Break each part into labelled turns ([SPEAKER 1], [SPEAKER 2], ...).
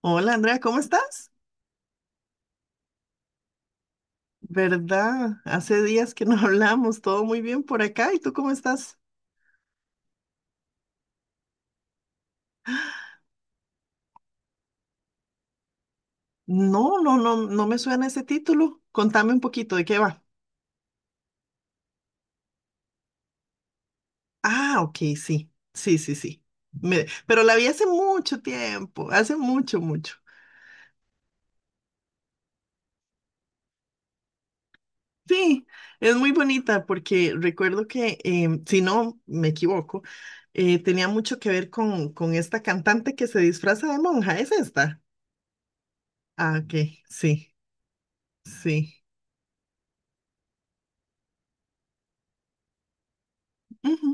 [SPEAKER 1] Hola Andrea, ¿cómo estás? ¿Verdad? Hace días que no hablamos, todo muy bien por acá. ¿Y tú cómo estás? No, no, no, no me suena ese título. Contame un poquito de qué va. Ah, ok, sí, sí, sí, sí. Pero la vi hace mucho tiempo, hace mucho, mucho. Sí, es muy bonita porque recuerdo que, si no me equivoco, tenía mucho que ver con esta cantante que se disfraza de monja, ¿es esta? Ah, ok, sí, sí. Ujú.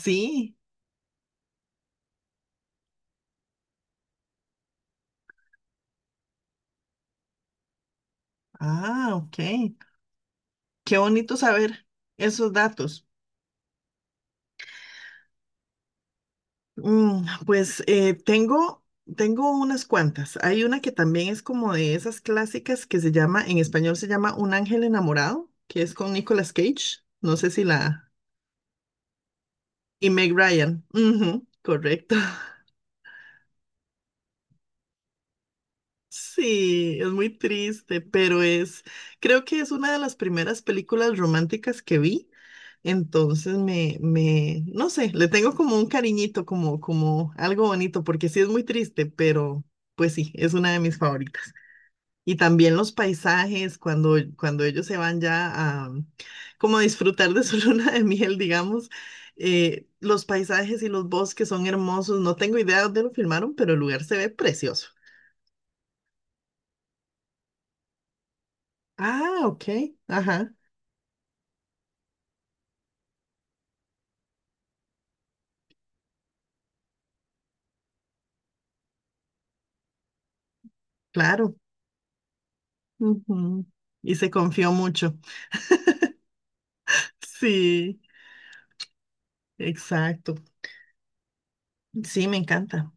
[SPEAKER 1] Sí. Ah, ok. Qué bonito saber esos datos. Mm, pues eh, tengo, Tengo unas cuantas. Hay una que también es como de esas clásicas que se llama, en español se llama Un ángel enamorado, que es con Nicolas Cage. No sé si la... Y Meg Ryan. Ujú, correcto. Sí, es muy triste, pero es, creo que es una de las primeras películas románticas que vi, entonces no sé, le tengo como un cariñito, como, como algo bonito, porque sí es muy triste, pero pues sí, es una de mis favoritas. Y también los paisajes, cuando ellos se van ya a, como a disfrutar de su luna de miel, digamos, los paisajes y los bosques son hermosos, no tengo idea de dónde lo filmaron, pero el lugar se ve precioso. Ah, ok. Ajá, claro. Ujú. Y se confió mucho. Sí, exacto. Sí, me encanta.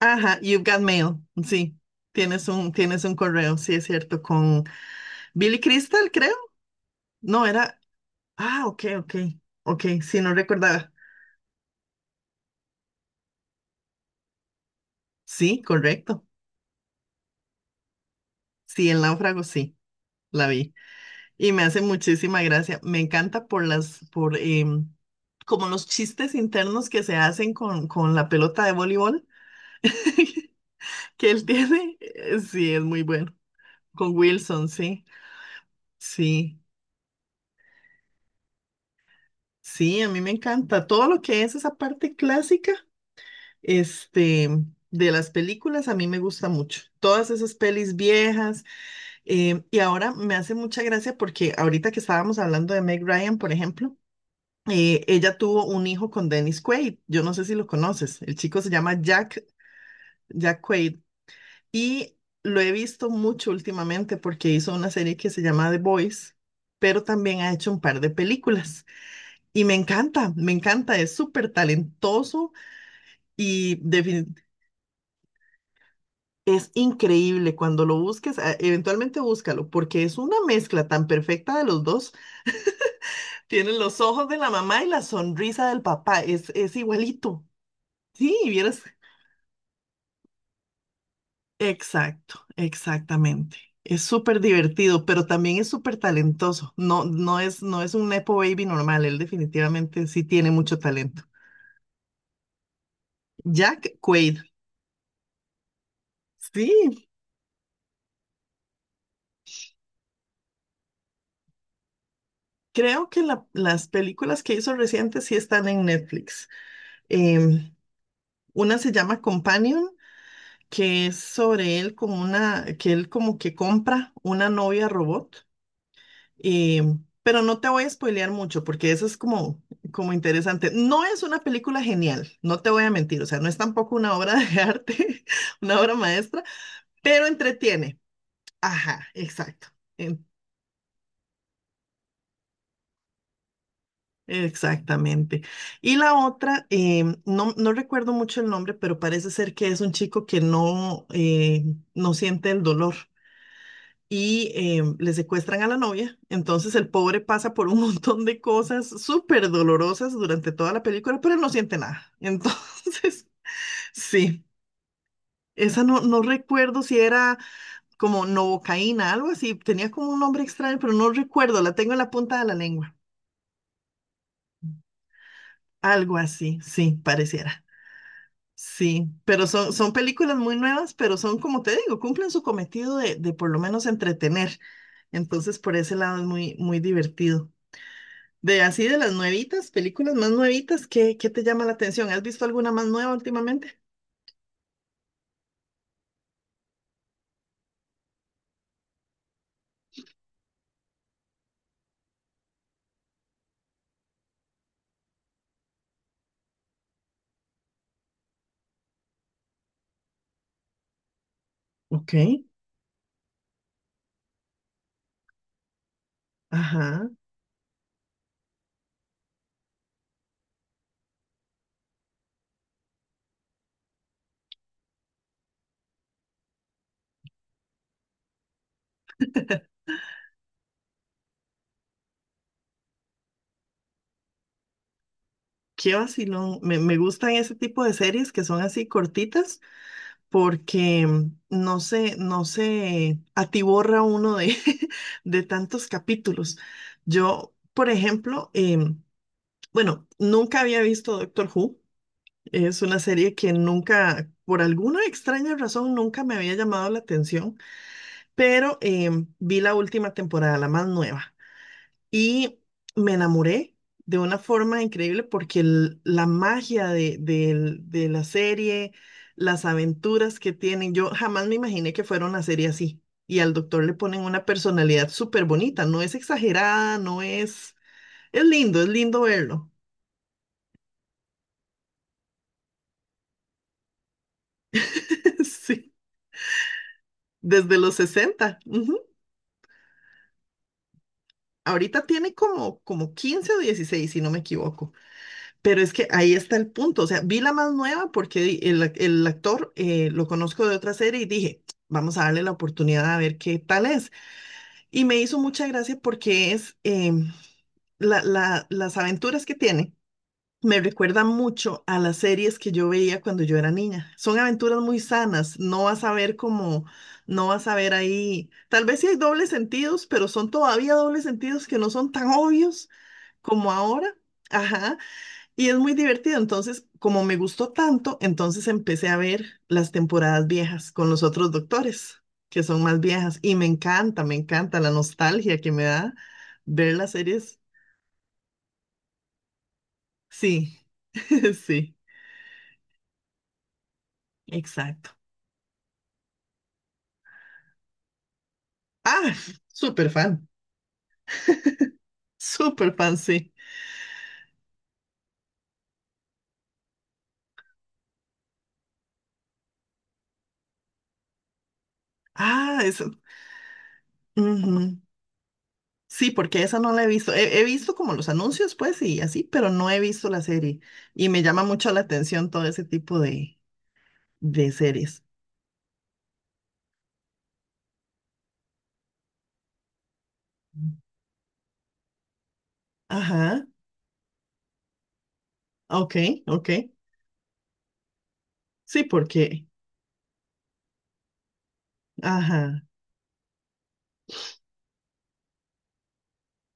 [SPEAKER 1] Ajá, you've got mail. Sí, tienes un correo, sí, es cierto, con Billy Crystal, creo. No, era. Ah, ok, ok. Ok, sí, no recordaba. Sí, correcto. Sí, el náufrago, sí, la vi. Y me hace muchísima gracia. Me encanta por como los chistes internos que se hacen con la pelota de voleibol que él tiene, sí, es muy bueno. Con Wilson, sí, sí, sí, a mí me encanta. Todo lo que es esa parte clásica, este, de las películas, a mí me gusta mucho. Todas esas pelis viejas. Y ahora me hace mucha gracia porque ahorita que estábamos hablando de Meg Ryan, por ejemplo, ella tuvo un hijo con Dennis Quaid. Yo no sé si lo conoces. El chico se llama Jack, Jack Quaid. Y lo he visto mucho últimamente porque hizo una serie que se llama The Boys, pero también ha hecho un par de películas. Y me encanta, es súper talentoso y defini- es increíble cuando lo busques, eventualmente búscalo, porque es una mezcla tan perfecta de los dos. Tienen los ojos de la mamá y la sonrisa del papá, es igualito. Sí, vieras. Exacto, exactamente. Es súper divertido, pero también es súper talentoso. No es un Nepo Baby normal, él definitivamente sí tiene mucho talento. Jack Quaid. Sí, creo que las películas que hizo recientes sí están en Netflix. Em, una se llama Companion, que es sobre que él como que compra una novia robot. Eh, pero no te voy a spoilear mucho porque eso es como, como interesante. No es una película genial, no te voy a mentir, o sea, no es tampoco una obra de arte, una obra maestra, pero entretiene. Ajá, exacto. en- Exactamente. Y la otra, no recuerdo mucho el nombre, pero parece ser que es un chico que no siente el dolor. Le secuestran a la novia. Entonces el pobre pasa por un montón de cosas súper dolorosas durante toda la película, pero él no siente nada. Entonces, sí, esa no recuerdo si era como novocaína, algo así. Tenía como un nombre extraño, pero no recuerdo. La tengo en la punta de la lengua. Algo así, sí, pareciera. Sí, son películas muy nuevas, pero son, como te digo, cumplen su cometido de por lo menos entretener. Entonces, por ese lado es muy, muy divertido. De así de las nuevitas, películas más nuevitas, ¿qué te llama la atención? ¿Has visto alguna más nueva últimamente? Ok. Ajá, qué vacilón. Me gustan ese tipo de series que son así cortitas porque no se atiborra uno de, de tantos capítulos. Yo, por ejemplo, bueno, nunca había visto Doctor Who. Es una serie que nunca, por alguna extraña razón, nunca me había llamado la atención. Pero vi la última temporada, la más nueva, y me enamoré de una forma increíble porque la magia de la serie, las aventuras que tienen, yo jamás me imaginé que fuera una serie así. Y al doctor le ponen una personalidad súper bonita, no es exagerada, no es... es lindo verlo. Sí, desde los 60, ujú. Ahorita tiene como, como 15 o 16 si no me equivoco. Pero es que ahí está el punto. O sea, vi la más nueva porque el actor lo conozco de otra serie y dije, vamos a darle la oportunidad a ver qué tal es. Y me hizo mucha gracia porque es las aventuras que tiene. Me recuerdan mucho a las series que yo veía cuando yo era niña. Son aventuras muy sanas, no vas a ver como, no vas a ver ahí, tal vez sí hay dobles sentidos, pero son todavía dobles sentidos que no son tan obvios como ahora. Ajá. Y es muy divertido. Entonces, como me gustó tanto, entonces empecé a ver las temporadas viejas con los otros doctores, que son más viejas. Y me encanta la nostalgia que me da ver las series. Sí, sí, exacto. Ah, súper fan, súper fan, sí. Ah, eso. Ujú. Sí, porque esa no la he visto. He visto como los anuncios, pues, y así, pero no he visto la serie. Y me llama mucho la atención todo ese tipo de series. Ajá. Ok, ok. Sí, porque, ajá,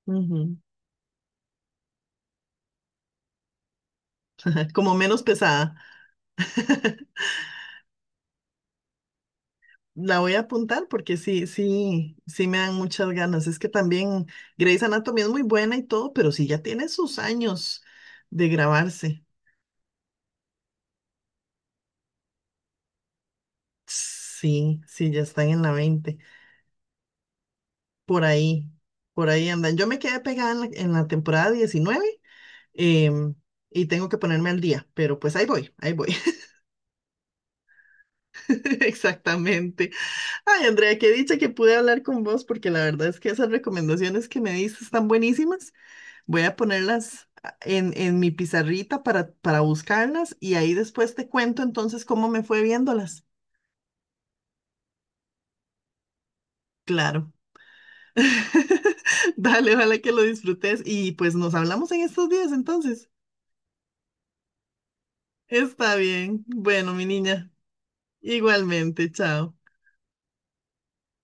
[SPEAKER 1] ujú. Como menos pesada. La voy a apuntar porque sí, sí, sí me dan muchas ganas. Es que también Grey's Anatomy es muy buena y todo, pero sí ya tiene sus años de grabarse. Sí, sí, ya están en la 20. Por ahí, por ahí andan. Yo me quedé pegada en la temporada 19, em, y tengo que ponerme al día, pero pues ahí voy, ahí voy. Exactamente. Ay, Andrea, qué dicha que pude hablar con vos, porque la verdad es que esas recomendaciones que me diste están buenísimas. Voy a ponerlas en mi pizarrita para buscarlas y ahí después te cuento entonces cómo me fue viéndolas. Claro. Dale, ojalá que lo disfrutes y pues nos hablamos en estos días entonces. Está bien. Bueno, mi niña, igualmente, chao.